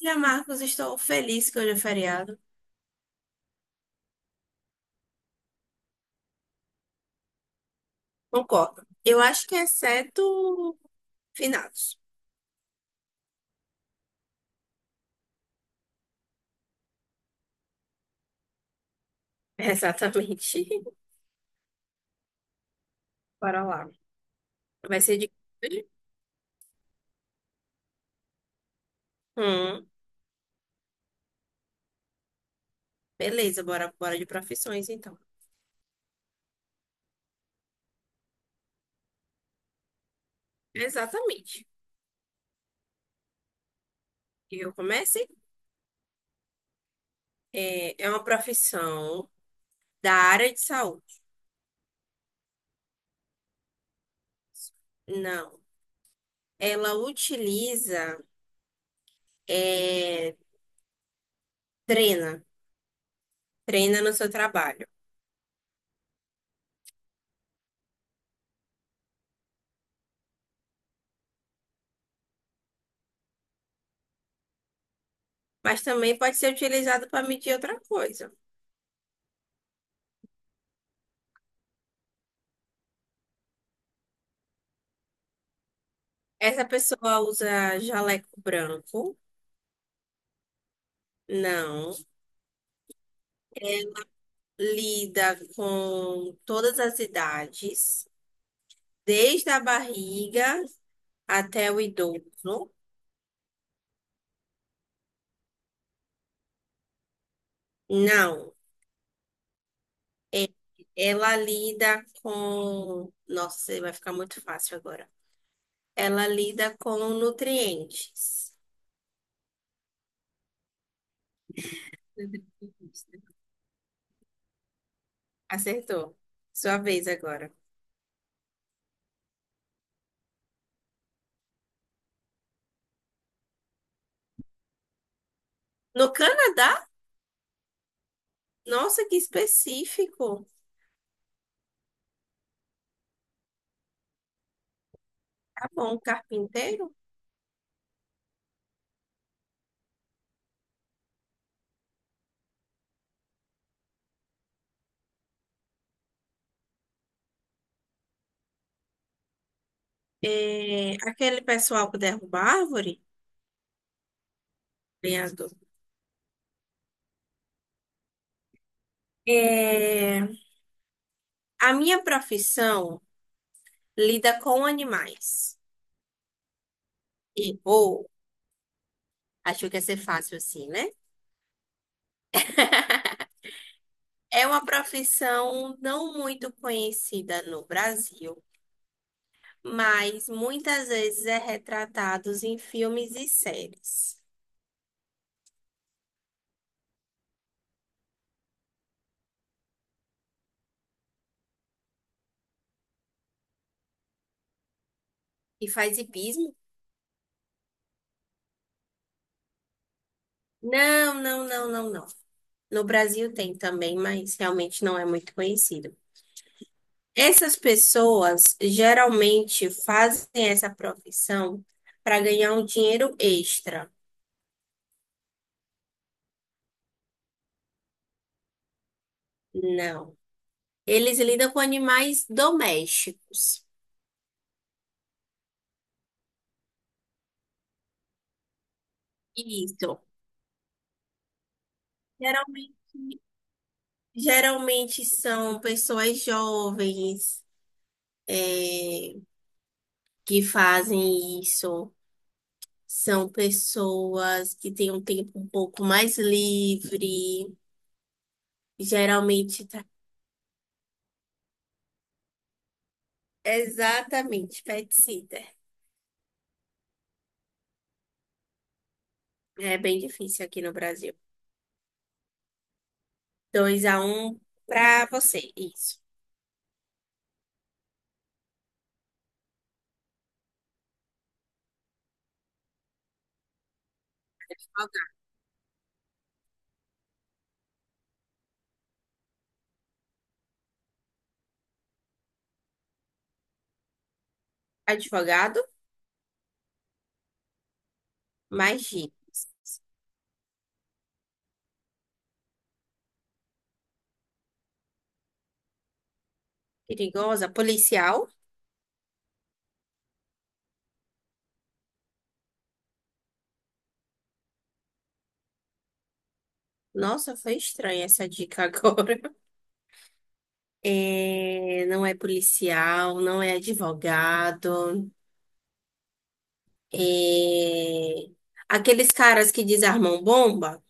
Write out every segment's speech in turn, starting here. Dia Marcos, estou feliz que hoje é feriado. Concordo. Eu acho que exceto finados. Exatamente. Bora lá. Vai ser de. Hoje? Hum, beleza, bora, bora de profissões então. Exatamente. Eu comecei. É uma profissão da área de saúde. Não. Ela utiliza, é, treina, treina no seu trabalho. Mas também pode ser utilizado para medir outra coisa. Essa pessoa usa jaleco branco. Não, lida com todas as idades, desde a barriga até o idoso. Não, ela lida com. Nossa, vai ficar muito fácil agora. Ela lida com nutrientes. Nutrientes, né? Acertou. Sua vez agora. No Canadá? Nossa, que específico. Tá bom, um carpinteiro? É, aquele pessoal que derruba árvore? Lenhador. É, A minha profissão lida com animais. E, ou, acho que ia ser fácil assim, né? É uma profissão não muito conhecida no Brasil, mas muitas vezes é retratados em filmes e séries. E faz hipismo? Não, não, não, não, não. No Brasil tem também, mas realmente não é muito conhecido. Essas pessoas geralmente fazem essa profissão para ganhar um dinheiro extra. Não. Eles lidam com animais domésticos. Isso. Geralmente, geralmente são pessoas jovens, é, que fazem isso. São pessoas que têm um tempo um pouco mais livre. Geralmente, tá... Exatamente, pet sitter. É bem difícil aqui no Brasil. 2 a um para você, isso. Advogado, magia, perigosa, policial. Nossa, foi estranha essa dica agora. É, não é policial, não é advogado. é, Aqueles caras que desarmam bomba.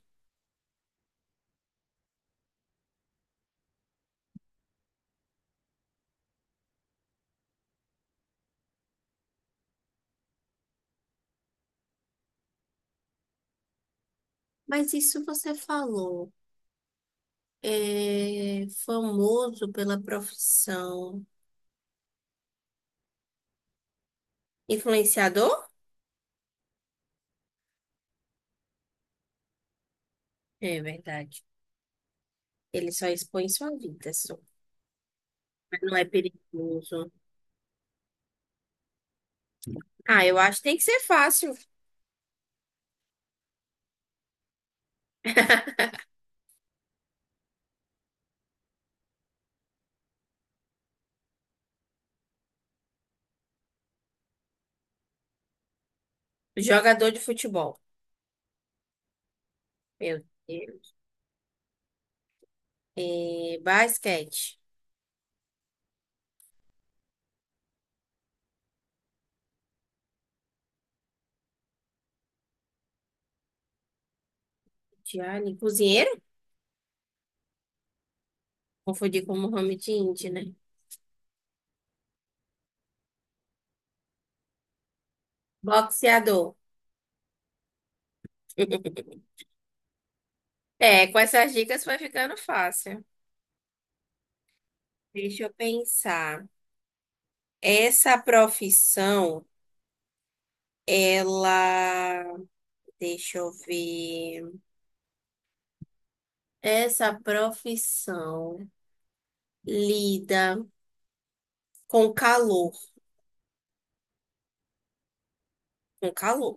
Mas isso você falou. É famoso pela profissão. Influenciador? É verdade. Ele só expõe sua vida, só. Mas não é perigoso. Ah, eu acho que tem que ser fácil. Jogador de futebol. Meu Deus. É, basquete. Tiane, cozinheiro? Confundi com Mohamed Indy, né? Boxeador. É, com essas dicas vai ficando fácil. Deixa eu pensar. Essa profissão, ela. Deixa eu ver. Essa profissão lida com calor. Com calor.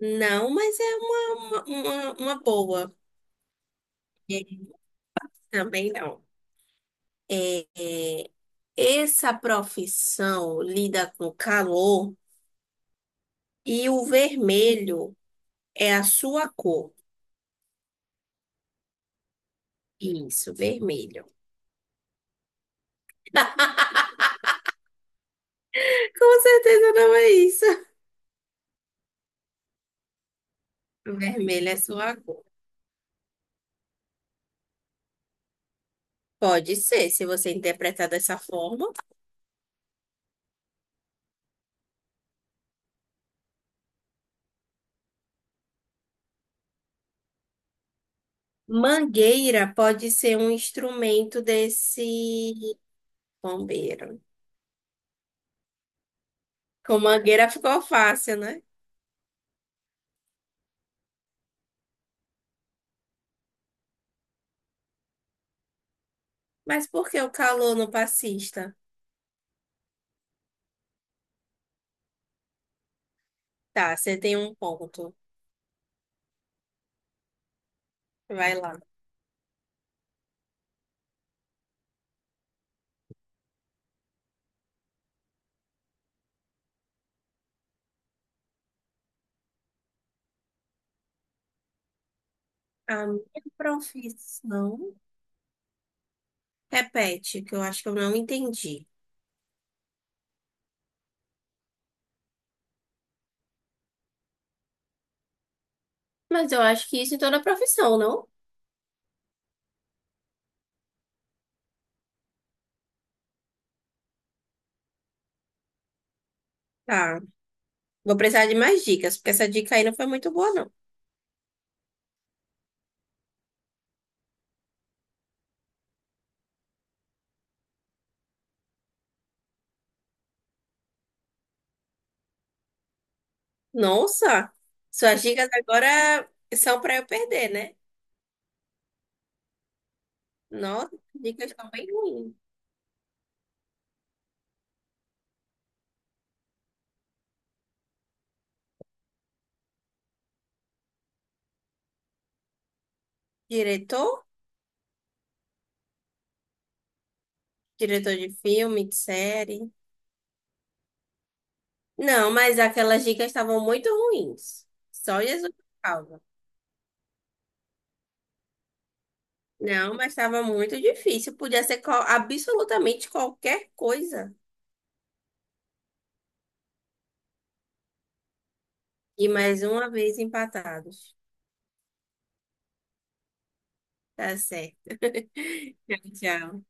Não, mas é uma, uma boa. É, também não. É, essa profissão lida com calor e o vermelho. É a sua cor. Isso, vermelho. Com certeza não é isso. Vermelho é sua cor. Pode ser, se você interpretar dessa forma. Mangueira pode ser um instrumento desse bombeiro. Com mangueira ficou fácil, né? Mas por que o calor no passista? Tá, você tem um ponto. Vai lá. A minha profissão. Repete, que eu acho que eu não entendi. Mas eu acho que isso em toda profissão, não? Tá. Vou precisar de mais dicas, porque essa dica aí não foi muito boa, não. Nossa, suas dicas agora são para eu perder, né? Nossa, as dicas estão bem ruins. Diretor? Diretor de filme, de série. Não, mas aquelas dicas estavam muito ruins. Só Jesus salva. Não, mas estava muito difícil. Podia ser qual- absolutamente qualquer coisa. E mais uma vez empatados. Tá certo. Tchau, tchau.